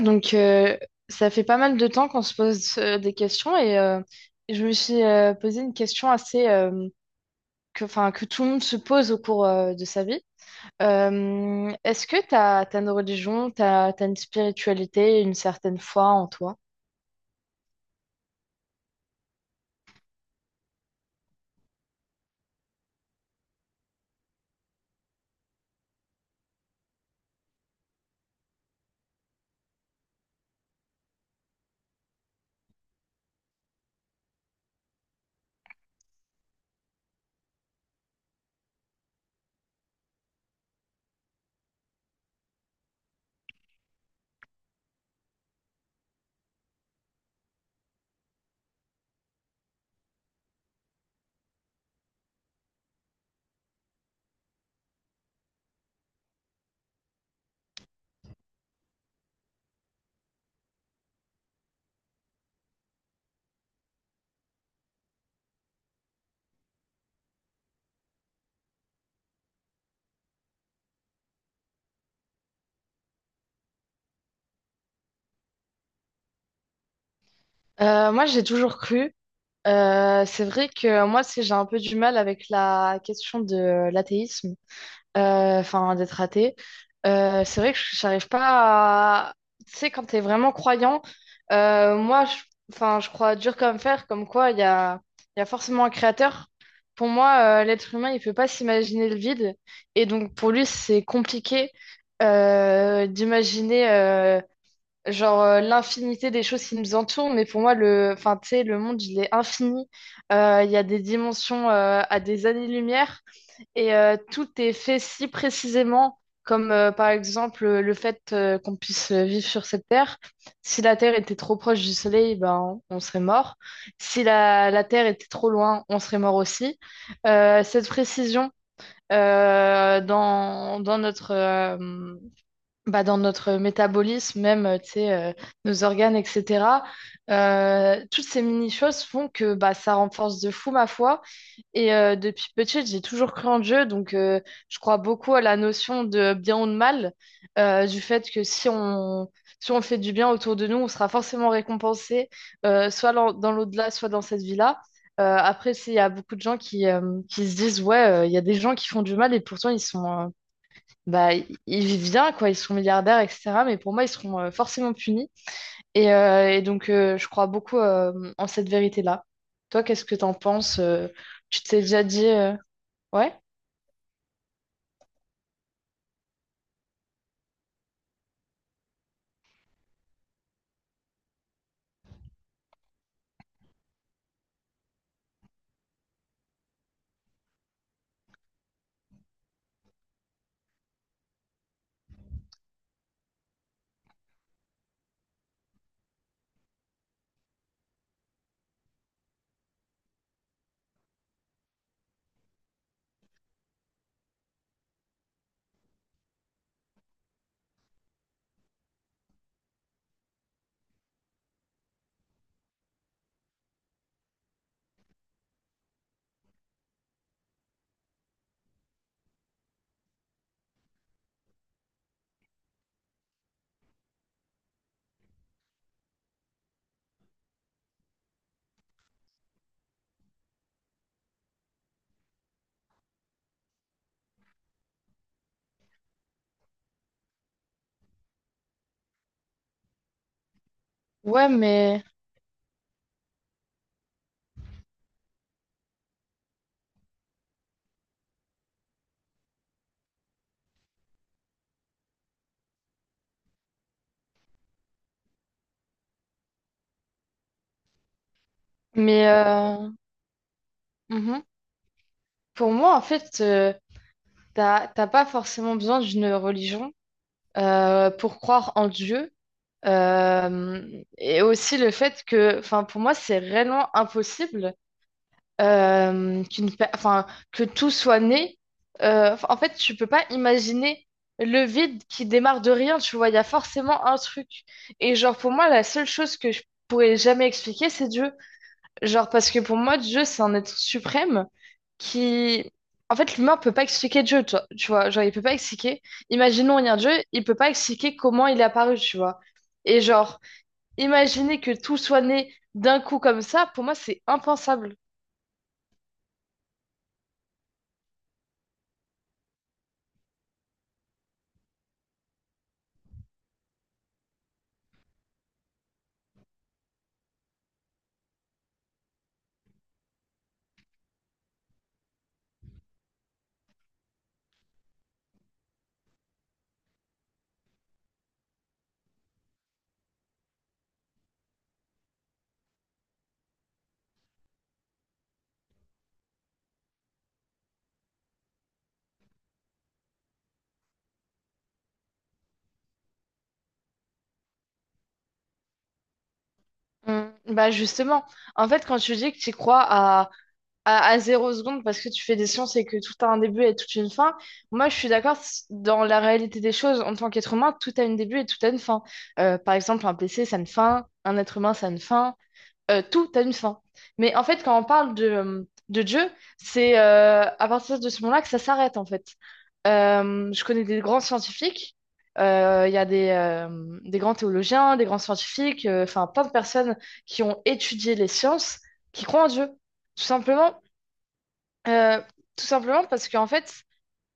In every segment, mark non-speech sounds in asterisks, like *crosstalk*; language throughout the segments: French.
Donc, ça fait pas mal de temps qu'on se pose des questions et je me suis posé une question assez enfin, que tout le monde se pose au cours de sa vie. Est-ce que t'as une religion, t'as une spiritualité, une certaine foi en toi? Moi, j'ai toujours cru. C'est vrai que moi, j'ai un peu du mal avec la question de l'athéisme. Enfin, d'être athée. C'est vrai que j'arrive pas à. Tu sais, quand t'es vraiment croyant, moi, enfin, je crois dur comme fer, comme quoi il y a forcément un créateur. Pour moi, l'être humain, il peut pas s'imaginer le vide. Et donc, pour lui, c'est compliqué d'imaginer genre l'infinité des choses qui nous entourent. Mais pour moi, enfin, tu sais, le monde, il est infini. Il y a des dimensions à des années-lumière. Et tout est fait si précisément, comme par exemple le fait qu'on puisse vivre sur cette Terre. Si la Terre était trop proche du Soleil, ben, on serait mort. Si la Terre était trop loin, on serait mort aussi. Cette précision dans notre, bah, dans notre métabolisme, même, tu sais, nos organes, etc. Toutes ces mini-choses font que bah, ça renforce de fou ma foi. Et depuis petite, j'ai toujours cru en Dieu, donc je crois beaucoup à la notion de bien ou de mal, du fait que si on fait du bien autour de nous, on sera forcément récompensé, soit dans l'au-delà, soit dans cette vie-là. Après, il y a beaucoup de gens qui se disent, ouais, il y a des gens qui font du mal et pourtant bah, ils vivent bien, quoi, ils sont milliardaires, etc. Mais pour moi, ils seront forcément punis. Et donc, je crois beaucoup en cette vérité-là. Toi, qu'est-ce que t'en penses? Tu t'es déjà dit, ouais, ouais, mais mhm. Pour moi, en fait, t'as pas forcément besoin d'une religion pour croire en Dieu. Euh, et aussi le fait que, enfin, pour moi, c'est réellement impossible enfin, que tout soit né. Enfin, en fait, tu peux pas imaginer le vide qui démarre de rien, tu vois, il y a forcément un truc. Et genre, pour moi, la seule chose que je pourrais jamais expliquer, c'est Dieu. Genre, parce que pour moi, Dieu, c'est un être suprême qui. En fait, l'humain peut pas expliquer Dieu, toi, tu vois, genre, il peut pas expliquer. Imaginons, il y a un Dieu, il peut pas expliquer comment il est apparu, tu vois. Et genre, imaginer que tout soit né d'un coup comme ça, pour moi, c'est impensable. Mm. Bah justement, en fait, quand tu dis que tu crois à zéro seconde parce que tu fais des sciences et que tout a un début et toute une fin, moi je suis d'accord dans la réalité des choses. En tant qu'être humain, tout a un début et tout a une fin. Par exemple, un PC, ça a une fin, un être humain, ça a une fin tout a une fin. Mais en fait, quand on parle de Dieu, c'est à partir de ce moment-là que ça s'arrête, en fait. Je connais des grands scientifiques, il y a des grands théologiens, des grands scientifiques, enfin plein de personnes qui ont étudié les sciences, qui croient en Dieu. Tout simplement, euh, tout simplement parce qu'en fait,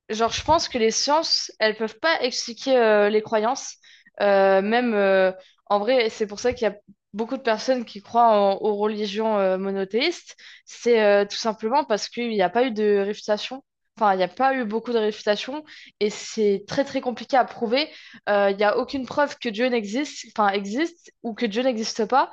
genre, je pense que les sciences, elles peuvent pas expliquer les croyances. Même en vrai, c'est pour ça qu'il y a beaucoup de personnes qui croient aux religions monothéistes. C'est tout simplement parce qu'il n'y a pas eu de réfutation. Enfin, il n'y a pas eu beaucoup de réfutation et c'est très très compliqué à prouver. Il n'y a aucune preuve que Dieu enfin existe ou que Dieu n'existe pas.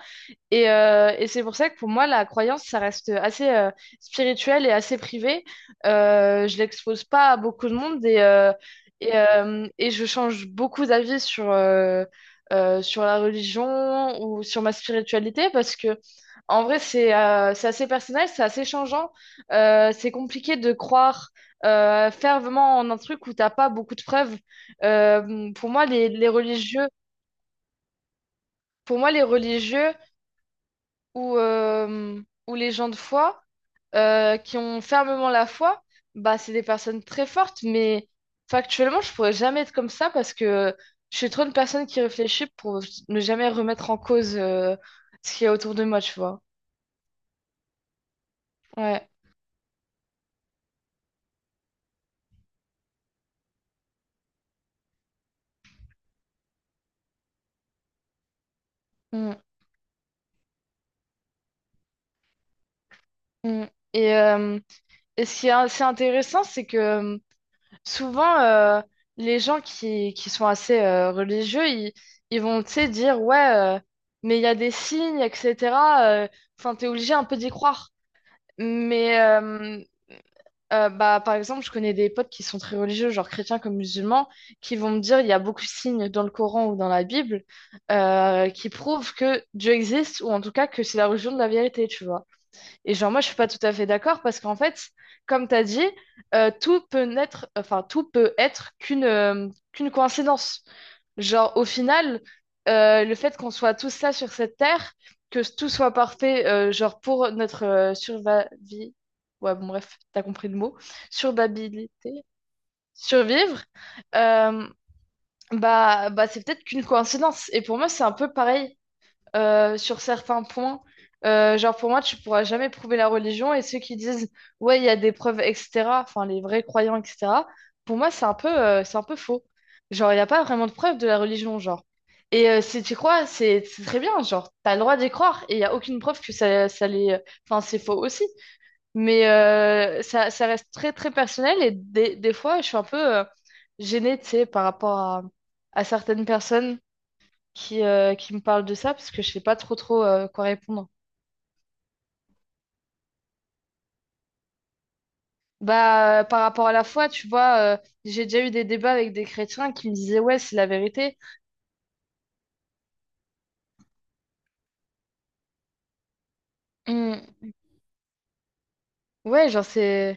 Et c'est pour ça que pour moi, la croyance, ça reste assez spirituel et assez privé. Je l'expose pas à beaucoup de monde et je change beaucoup d'avis sur la religion ou sur ma spiritualité parce que, en vrai, c'est assez personnel, c'est assez changeant. C'est compliqué de croire fervemment en un truc où t'as pas beaucoup de preuves. Pour moi, les religieux ou, euh, ou les gens de foi qui ont fermement la foi, bah, c'est des personnes très fortes, mais factuellement, je pourrais jamais être comme ça parce que je suis trop une personne qui réfléchit pour ne jamais remettre en cause ce qu'il y a autour de moi, tu vois. Ouais. Mm, mm. Et, euh, et ce qui est assez intéressant, c'est que souvent les gens qui sont assez religieux, ils vont, tu sais, dire ouais, mais il y a des signes, etc. Enfin, t'es obligé un peu d'y croire. Mais bah, par exemple, je connais des potes qui sont très religieux, genre chrétiens comme musulmans, qui vont me dire il y a beaucoup de signes dans le Coran ou dans la Bible qui prouvent que Dieu existe ou en tout cas que c'est la religion de la vérité, tu vois. Et genre, moi, je suis pas tout à fait d'accord parce qu'en fait, comme tu as dit, tout peut naître, enfin, tout peut être qu'une coïncidence. Genre, au final, le fait qu'on soit tous là sur cette terre, que tout soit parfait, genre, pour notre survie, ouais, bon, bref, t'as compris le mot, survabilité, survivre, euh, bah, c'est peut-être qu'une coïncidence. Et pour moi, c'est un peu pareil sur certains points. Genre, pour moi, tu pourras jamais prouver la religion. Et ceux qui disent, ouais, il y a des preuves, etc., enfin, les vrais croyants, etc., pour moi, c'est un peu faux. Genre, il n'y a pas vraiment de preuves de la religion, genre. Et si tu crois, c'est très bien, genre, t'as le droit d'y croire. Et il n'y a aucune preuve que ça les. Enfin, c'est faux aussi. Mais ça reste très, très personnel. Et des fois, je suis un peu gênée, tu sais, par rapport à certaines personnes qui me parle de ça parce que je sais pas trop trop quoi répondre. Bah, par rapport à la foi, tu vois, j'ai déjà eu des débats avec des chrétiens qui me disaient, ouais, c'est la vérité. Hmm. Ouais, genre, c'est.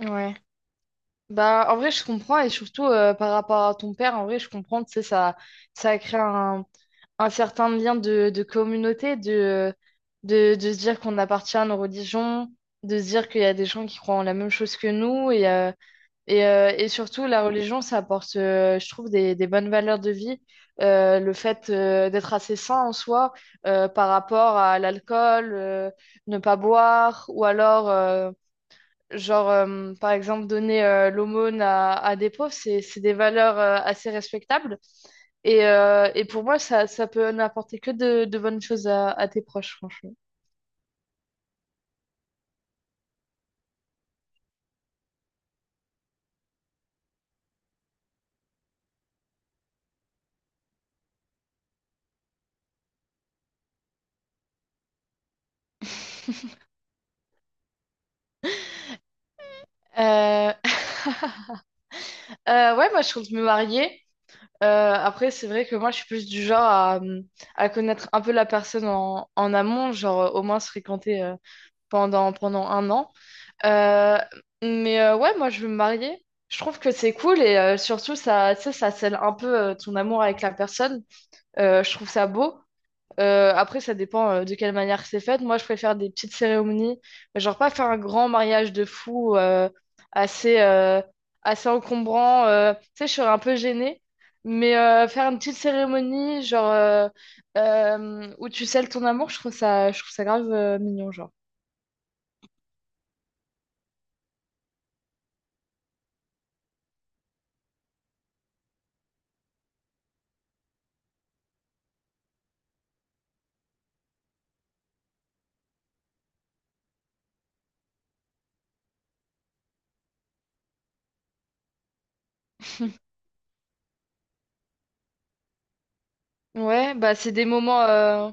Ouais. Bah, en vrai, je comprends et surtout par rapport à ton père, en vrai, je comprends, tu sais, ça crée un certain lien de communauté, de se dire qu'on appartient à nos religions, de se dire qu'il y a des gens qui croient en la même chose que nous et. Et surtout, la religion, ça apporte, je trouve, des bonnes valeurs de vie. Le fait d'être assez sain en soi par rapport à l'alcool, ne pas boire, ou alors, genre, par exemple, donner l'aumône à des pauvres, c'est des valeurs assez respectables. Et pour moi, ça peut n'apporter que de bonnes choses à tes proches, franchement. *laughs* Euh, *laughs* ouais, moi, je compte me marier. Après, c'est vrai que moi, je suis plus du genre à connaître un peu la personne en amont, genre au moins se fréquenter pendant un an. Euh, mais ouais, moi, je veux me marier. Je trouve que c'est cool et surtout, tu sais, ça scelle un peu ton amour avec la personne. Je trouve ça beau. Après, ça dépend de quelle manière c'est fait. Moi, je préfère des petites cérémonies, mais genre pas faire un grand mariage de fou assez, euh, assez encombrant. Tu sais, je serais un peu gênée, mais faire une petite cérémonie, genre où tu scelles ton amour, je trouve ça grave mignon, genre. *laughs* Ouais, bah c'est des moments.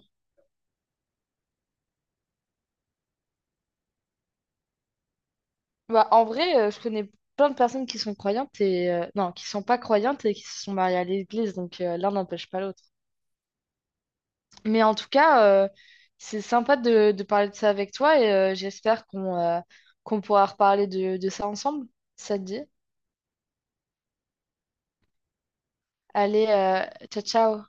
Bah, en vrai, je connais plein de personnes qui sont croyantes et non, qui sont pas croyantes et qui se sont mariées à l'église, donc l'un n'empêche pas l'autre. Mais en tout cas, c'est sympa de parler de ça avec toi et j'espère qu'on pourra reparler de ça ensemble. Ça te dit? Allez, ciao, ciao.